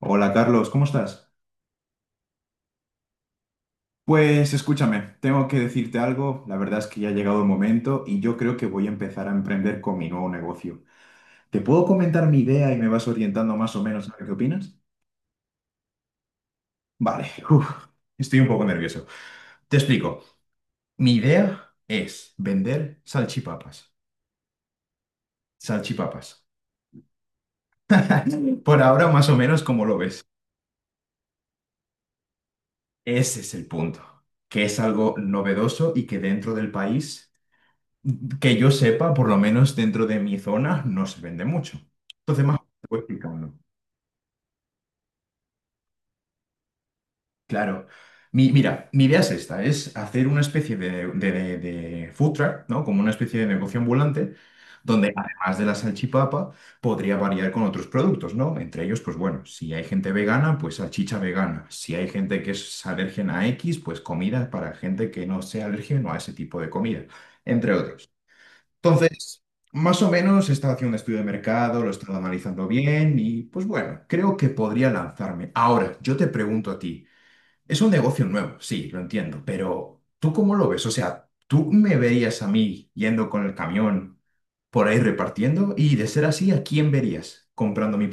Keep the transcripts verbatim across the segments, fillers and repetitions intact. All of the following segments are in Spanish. Hola Carlos, ¿cómo estás? Pues escúchame, tengo que decirte algo, la verdad es que ya ha llegado el momento y yo creo que voy a empezar a emprender con mi nuevo negocio. ¿Te puedo comentar mi idea y me vas orientando más o menos a ver qué opinas? Vale, uf, estoy un poco nervioso. Te explico, mi idea es vender salchipapas. Salchipapas. Por ahora más o menos como lo ves. Ese es el punto, que es algo novedoso y que dentro del país. Que yo sepa, por lo menos dentro de mi zona, no se vende mucho. Entonces, más o menos te voy explicando. Claro. Mi- mira, mi idea es esta, es hacer una especie de, de- de- de food truck, ¿no? Como una especie de negocio ambulante, donde además de la salchipapa, podría variar con otros productos, ¿no? Entre ellos, pues bueno, si hay gente vegana, pues salchicha vegana. Si hay gente que es alérgena a X, pues comida para gente que no sea alérgena a ese tipo de comida, entre otros. Entonces, más o menos he estado haciendo un estudio de mercado, lo he estado analizando bien y pues bueno, creo que podría lanzarme. Ahora, yo te pregunto a ti, es un negocio nuevo, sí, lo entiendo, pero ¿tú cómo lo ves? O sea, ¿tú me verías a mí yendo con el camión por ahí repartiendo? Y de ser así, ¿a quién verías comprando mi?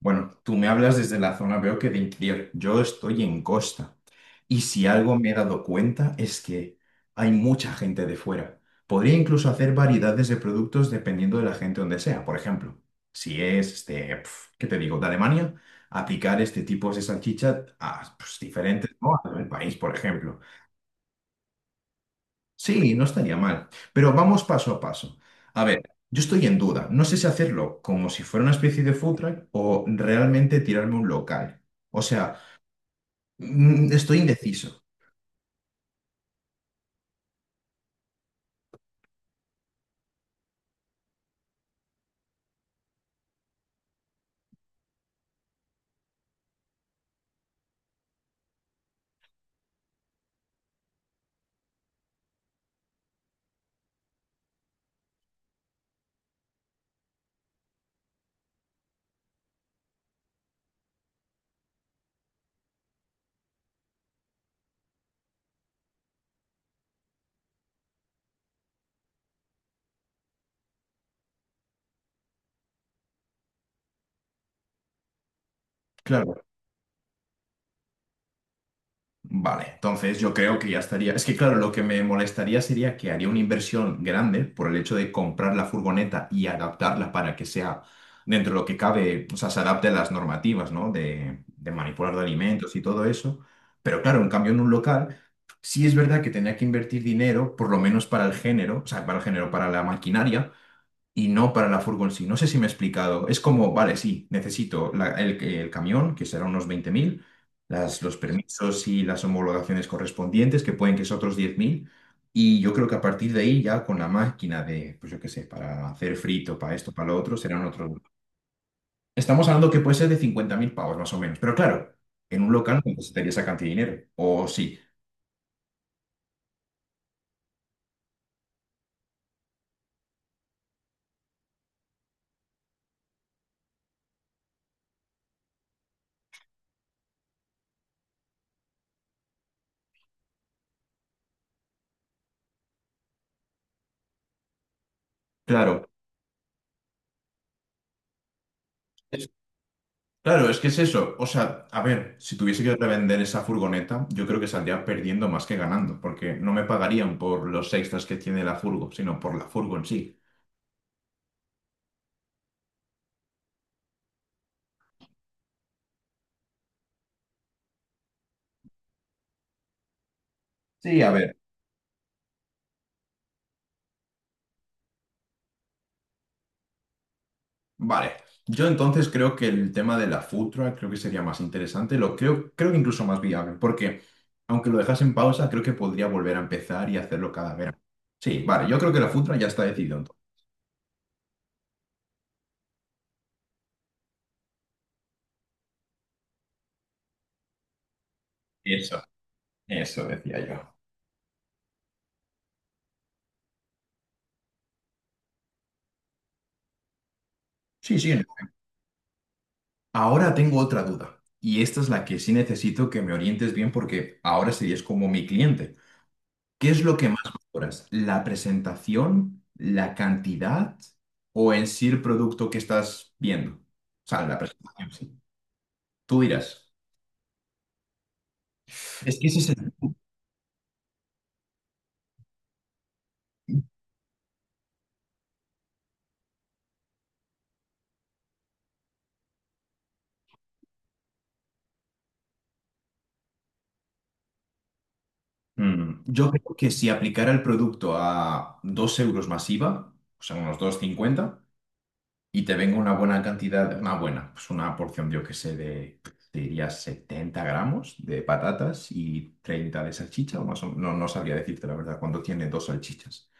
Bueno, tú me hablas desde la zona, veo que de interior. Yo estoy en costa. Y si algo me he dado cuenta es que hay mucha gente de fuera. Podría incluso hacer variedades de productos dependiendo de la gente donde sea. Por ejemplo, si es, este, pf, ¿qué te digo?, de Alemania, aplicar este tipo de salchicha a pues, diferentes, ¿no? Al país, por ejemplo. Sí, no estaría mal. Pero vamos paso a paso. A ver, yo estoy en duda. No sé si hacerlo como si fuera una especie de food truck o realmente tirarme un local. O sea, mm, estoy indeciso. Claro. Vale, entonces yo creo que ya estaría. Es que claro, lo que me molestaría sería que haría una inversión grande por el hecho de comprar la furgoneta y adaptarla para que sea dentro de lo que cabe, o sea, se adapte a las normativas, ¿no? De, de manipular de alimentos y todo eso. Pero claro, en cambio en un local, sí es verdad que tenía que invertir dinero, por lo menos para el género, o sea, para el género, para la maquinaria, y no para la furgo en sí. No sé si me he explicado. Es como, vale, sí, necesito la- el, el camión, que será unos veinte mil, las, los permisos y las homologaciones correspondientes, que pueden que es otros diez mil. Y yo creo que a partir de ahí, ya con la máquina de, pues yo qué sé, para hacer frito, para esto, para lo otro, serán otros. Estamos hablando que puede ser de cincuenta mil pavos, más o menos. Pero claro, en un local no necesitaría esa cantidad de dinero. O sí, claro. Claro, es que es eso. O sea, a ver, si tuviese que revender esa furgoneta, yo creo que saldría perdiendo más que ganando, porque no me pagarían por los extras que tiene la furgo, sino por la furgo en sí. Sí, a ver. Vale. Yo entonces creo que el tema de la food truck creo que sería más interesante, lo creo, creo que incluso más viable, porque aunque lo dejas en pausa, creo que podría volver a empezar y hacerlo cada verano. Sí, vale, yo creo que la food truck ya está decidido entonces. Eso, eso decía yo. Sí, sí. Ahora tengo otra duda, y esta es la que sí necesito que me orientes bien porque ahora serías como mi cliente. ¿Qué es lo que más valoras? ¿La presentación, la cantidad o en sí el producto que estás viendo? O sea, la presentación, sí. Tú dirás. Es que ese es el- Mm, yo creo que si aplicara el producto a dos euros más I V A, o sea, unos dos cincuenta. Y te venga una buena cantidad, una buena, pues una porción, yo que sé, de, te diría setenta gramos de patatas y treinta de salchicha, o más o menos, no, no sabría decirte la verdad cuánto tiene dos salchichas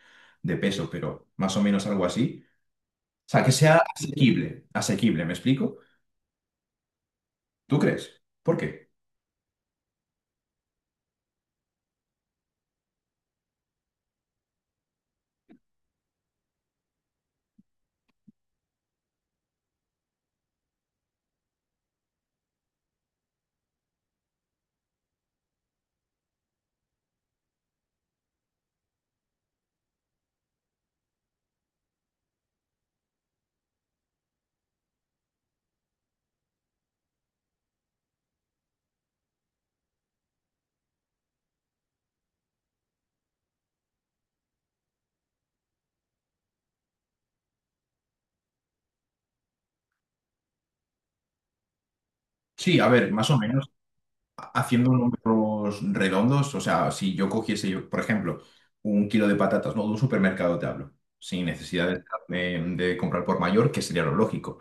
de peso, pero más o menos algo así. O sea, que sea asequible, asequible, ¿me explico? ¿Tú crees? ¿Por qué? Sí, a ver, más o menos, ha- haciendo números redondos, o sea, si yo cogiese, yo, por ejemplo, un kilo de patatas, no, de un supermercado te hablo, sin necesidad de de- de, comprar por mayor, que sería lo lógico.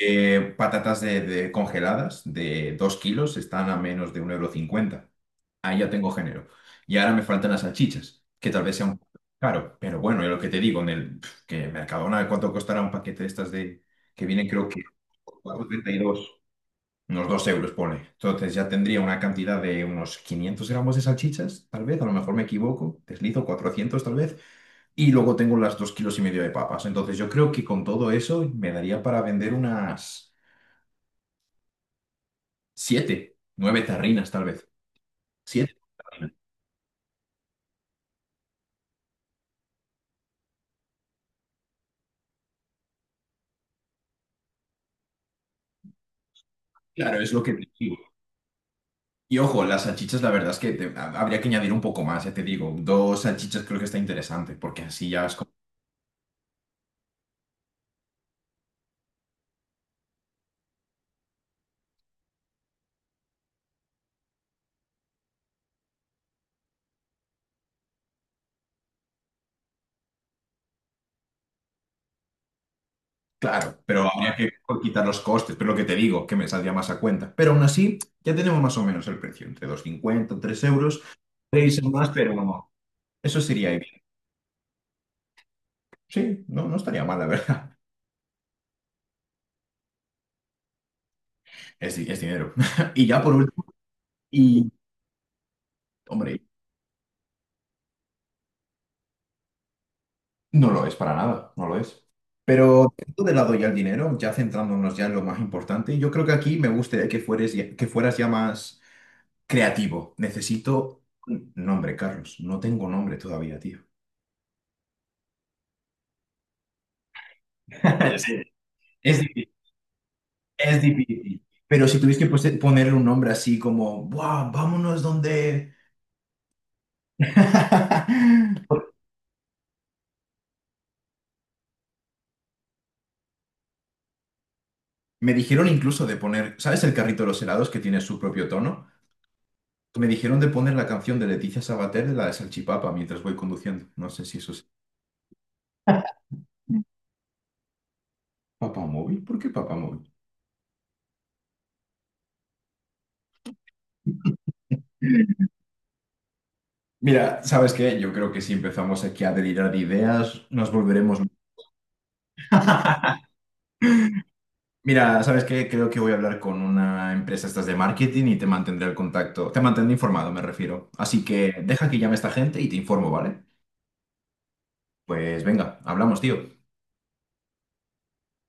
Eh, patatas de, de congeladas de dos kilos están a menos de un euro cincuenta. Ahí ya tengo género. Y ahora me faltan las salchichas, que tal vez sea un poco caro. Pero bueno, es lo que te digo, en el pf, que Mercadona, ¿cuánto costará un paquete de estas de que vienen creo que cuatro coma treinta y dos? Unos dos euros, pone. Entonces ya tendría una cantidad de unos quinientos gramos de salchichas, tal vez, a lo mejor me equivoco, deslizo cuatrocientos tal vez, y luego tengo las dos kilos y medio de papas. Entonces yo creo que con todo eso me daría para vender unas... Siete, nueve tarrinas tal vez. Siete tarrinas. Claro, es lo que te digo. Y ojo, las salchichas, la verdad es que te- ha- habría que añadir un poco más, ya te digo. Dos salchichas creo que está interesante, porque así ya es como... Claro, pero habría que quitar los costes, pero lo que te digo, que me saldría más a cuenta. Pero aún así, ya tenemos más o menos el precio, entre dos cincuenta tres euros, seis más, pero no. Eso sería bien. Sí, no, no estaría mal, la verdad. Es, di- es dinero. Y ya por último, y hombre, no lo es para nada, no lo es. Dejando de lado ya el dinero, ya centrándonos ya en lo más importante, yo creo que aquí me gustaría que fueres ya- que fueras ya más creativo. Necesito un nombre, Carlos. No tengo nombre todavía, tío. Ya es difícil, es difícil. Pero si tuviste que pose- ponerle un nombre así como, ¡buah! Vámonos donde. Me dijeron incluso de poner, ¿sabes el carrito de los helados que tiene su propio tono? Me dijeron de poner la canción de Leticia Sabater de la de Salchipapa mientras voy conduciendo. No sé si eso es. ¿Papá móvil? ¿Por qué papá móvil? Mira, ¿sabes qué? Yo creo que si empezamos aquí a delirar de ideas, nos volveremos. Mira, ¿sabes qué? Creo que voy a hablar con una empresa estas de marketing y te mantendré el contacto. Te mantendré informado, me refiero. Así que deja que llame esta gente y te informo, ¿vale? Pues venga, hablamos, tío.